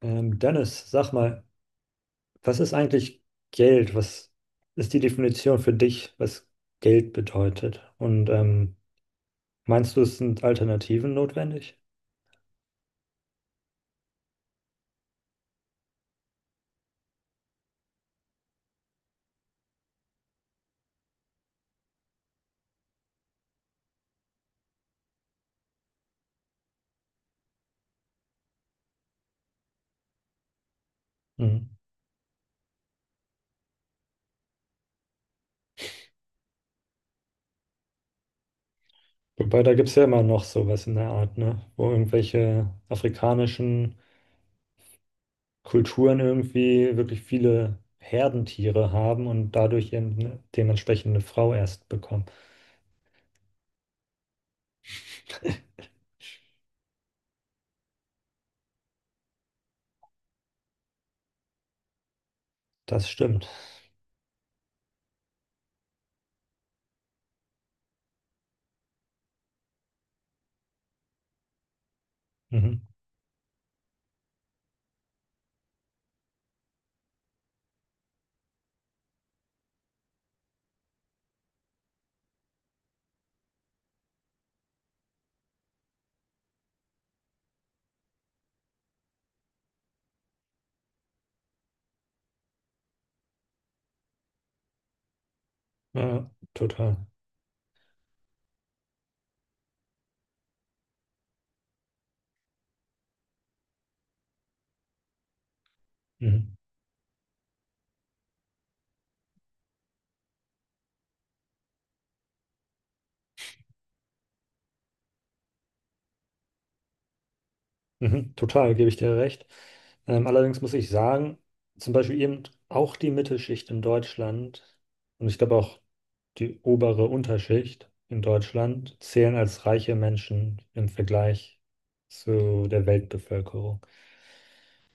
Dennis, sag mal, was ist eigentlich Geld? Was ist die Definition für dich, was Geld bedeutet? Und meinst du, es sind Alternativen notwendig? Mhm. Wobei, da gibt es ja immer noch sowas in der Art, ne? Wo irgendwelche afrikanischen Kulturen irgendwie wirklich viele Herdentiere haben und dadurch eben eine dementsprechende Frau erst bekommen. Das stimmt. Mhm. Ja, total. Mhm. Mhm, total, gebe ich dir recht. Allerdings muss ich sagen, zum Beispiel eben auch die Mittelschicht in Deutschland und ich glaube auch die obere Unterschicht in Deutschland zählen als reiche Menschen im Vergleich zu der Weltbevölkerung.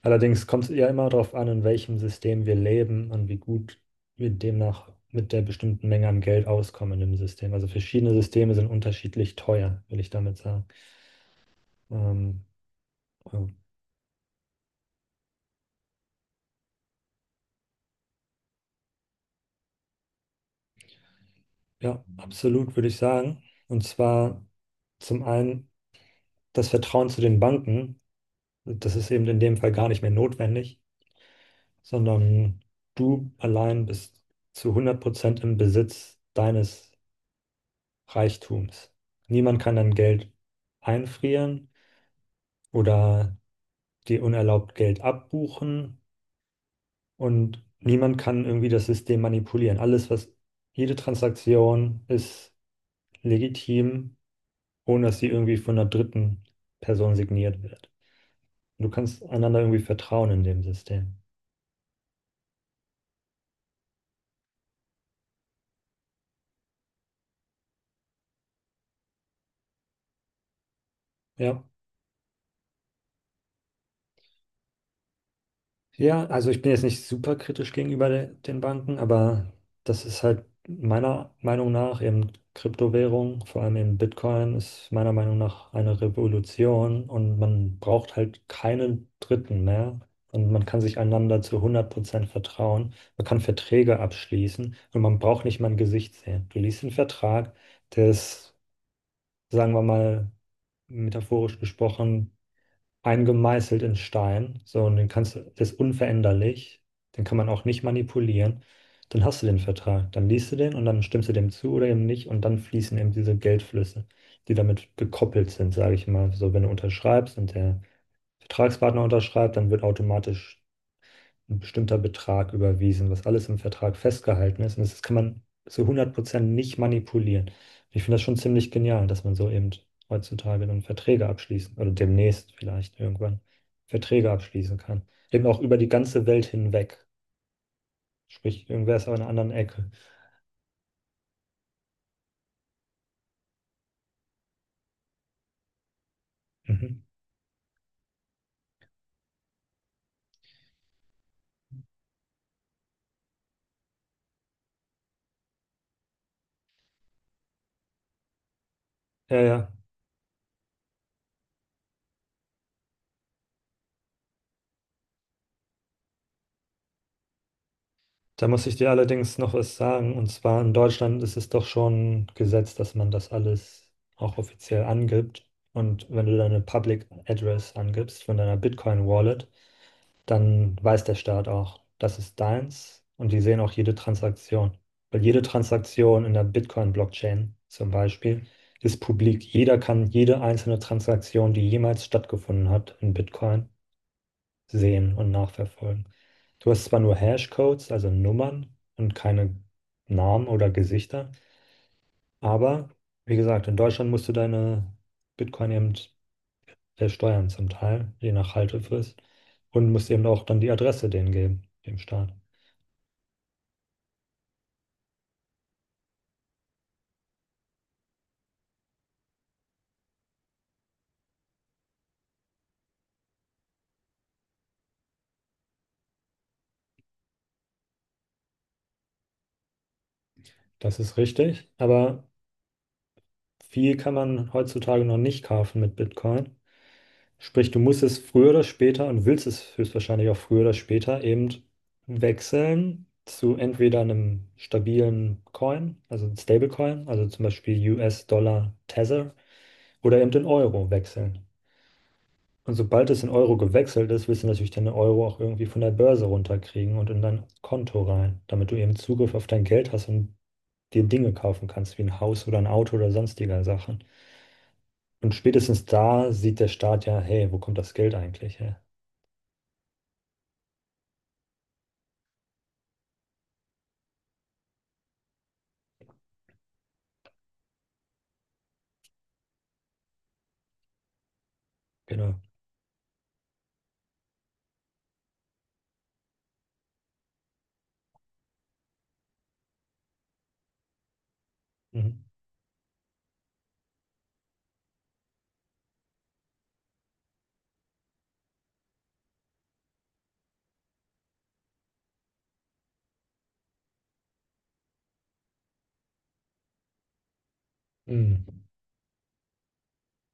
Allerdings kommt es ja immer darauf an, in welchem System wir leben und wie gut wir demnach mit der bestimmten Menge an Geld auskommen im System. Also verschiedene Systeme sind unterschiedlich teuer, will ich damit sagen. Ähm, ja. Ja, absolut, würde ich sagen. Und zwar zum einen das Vertrauen zu den Banken. Das ist eben in dem Fall gar nicht mehr notwendig, sondern du allein bist zu 100% im Besitz deines Reichtums. Niemand kann dein Geld einfrieren oder dir unerlaubt Geld abbuchen und niemand kann irgendwie das System manipulieren. Jede Transaktion ist legitim, ohne dass sie irgendwie von einer dritten Person signiert wird. Du kannst einander irgendwie vertrauen in dem System. Ja. Ja, also ich bin jetzt nicht super kritisch gegenüber de den Banken, aber das ist halt meiner Meinung nach eben Kryptowährung, vor allem eben Bitcoin, ist meiner Meinung nach eine Revolution und man braucht halt keine Dritten mehr. Und man kann sich einander zu 100% vertrauen. Man kann Verträge abschließen und man braucht nicht mal ein Gesicht sehen. Du liest einen Vertrag, der ist, sagen wir mal, metaphorisch gesprochen, eingemeißelt in Stein. So, und den kannst du, der ist unveränderlich, den kann man auch nicht manipulieren. Dann hast du den Vertrag, dann liest du den und dann stimmst du dem zu oder eben nicht und dann fließen eben diese Geldflüsse, die damit gekoppelt sind, sage ich mal. So, wenn du unterschreibst und der Vertragspartner unterschreibt, dann wird automatisch ein bestimmter Betrag überwiesen, was alles im Vertrag festgehalten ist. Und das kann man zu 100% nicht manipulieren. Ich finde das schon ziemlich genial, dass man so eben heutzutage dann Verträge abschließen oder demnächst vielleicht irgendwann Verträge abschließen kann. Eben auch über die ganze Welt hinweg. Sprich, irgendwer ist an einer anderen Ecke. Mhm. Ja, ja. Da muss ich dir allerdings noch was sagen. Und zwar in Deutschland ist es doch schon Gesetz, dass man das alles auch offiziell angibt. Und wenn du deine Public Address angibst von deiner Bitcoin Wallet, dann weiß der Staat auch, das ist deins. Und die sehen auch jede Transaktion. Weil jede Transaktion in der Bitcoin Blockchain zum Beispiel ist publik. Jeder kann jede einzelne Transaktion, die jemals stattgefunden hat in Bitcoin, sehen und nachverfolgen. Du hast zwar nur Hashcodes, also Nummern und keine Namen oder Gesichter, aber wie gesagt, in Deutschland musst du deine Bitcoin eben versteuern zum Teil, je nach Haltefrist, und musst eben auch dann die Adresse denen geben, dem Staat. Das ist richtig, aber viel kann man heutzutage noch nicht kaufen mit Bitcoin. Sprich, du musst es früher oder später und willst es höchstwahrscheinlich auch früher oder später eben wechseln zu entweder einem stabilen Coin, also einem Stablecoin, also zum Beispiel US-Dollar Tether oder eben den Euro wechseln. Und sobald es in Euro gewechselt ist, willst du natürlich deinen Euro auch irgendwie von der Börse runterkriegen und in dein Konto rein, damit du eben Zugriff auf dein Geld hast und dir Dinge kaufen kannst, wie ein Haus oder ein Auto oder sonstiger Sachen. Und spätestens da sieht der Staat ja, hey, wo kommt das Geld eigentlich her? Genau. Mhm. Mhm.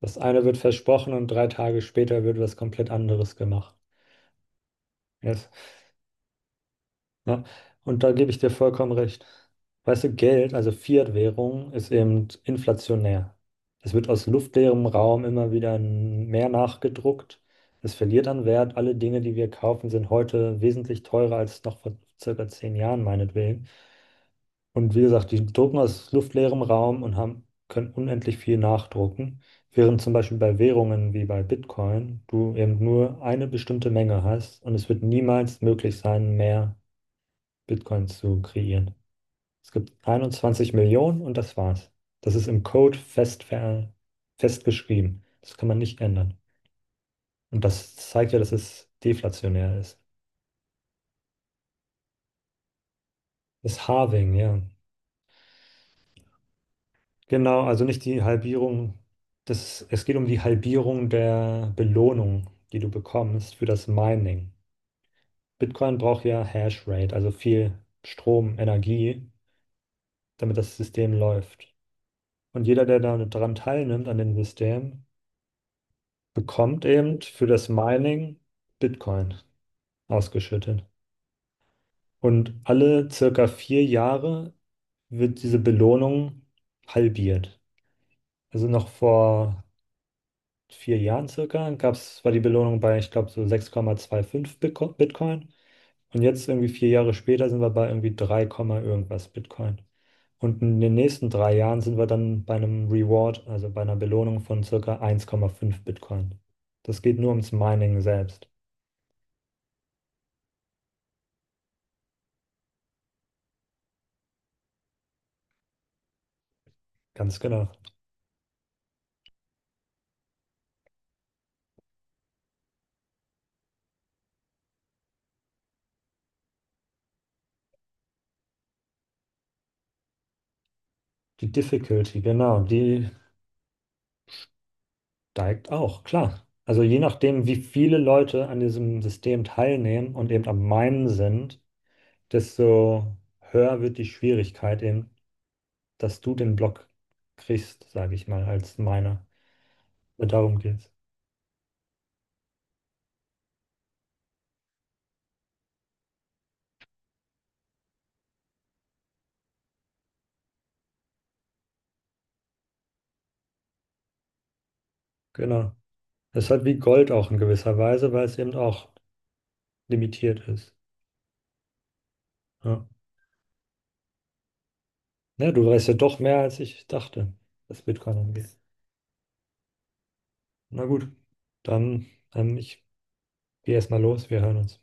Das eine wird versprochen und 3 Tage später wird was komplett anderes gemacht. Yes. Ja. Und da gebe ich dir vollkommen recht. Weißt du, Geld, also Fiat-Währung, ist eben inflationär. Es wird aus luftleerem Raum immer wieder mehr nachgedruckt. Es verliert an Wert. Alle Dinge, die wir kaufen, sind heute wesentlich teurer als noch vor circa 10 Jahren, meinetwegen. Und wie gesagt, die drucken aus luftleerem Raum und haben, können unendlich viel nachdrucken, während zum Beispiel bei Währungen wie bei Bitcoin du eben nur eine bestimmte Menge hast und es wird niemals möglich sein, mehr Bitcoins zu kreieren. Es gibt 21 Millionen und das war's. Das ist im Code fest, festgeschrieben. Das kann man nicht ändern. Und das zeigt ja, dass es deflationär ist. Das Halving, ja. Genau, also nicht die Halbierung. Das, es geht um die Halbierung der Belohnung, die du bekommst für das Mining. Bitcoin braucht ja Hashrate, also viel Strom, Energie, damit das System läuft. Und jeder, der daran teilnimmt, an dem System, bekommt eben für das Mining Bitcoin ausgeschüttet. Und alle circa 4 Jahre wird diese Belohnung halbiert. Also noch vor 4 Jahren circa gab's, war die Belohnung bei, ich glaube, so 6,25 Bitcoin. Und jetzt irgendwie 4 Jahre später sind wir bei irgendwie 3, Komma irgendwas Bitcoin. Und in den nächsten 3 Jahren sind wir dann bei einem Reward, also bei einer Belohnung von circa 1,5 Bitcoin. Das geht nur ums Mining selbst. Ganz genau. Die Difficulty, genau, die steigt auch, klar. Also je nachdem, wie viele Leute an diesem System teilnehmen und eben am Minen sind, desto höher wird die Schwierigkeit eben, dass du den Block kriegst, sage ich mal, als Miner. Und darum geht's. Genau. Das ist halt wie Gold auch in gewisser Weise, weil es eben auch limitiert ist. Ja. Ja, du weißt ja doch mehr, als ich dachte, was Bitcoin angeht. Na gut, dann, ich gehe erstmal los, wir hören uns.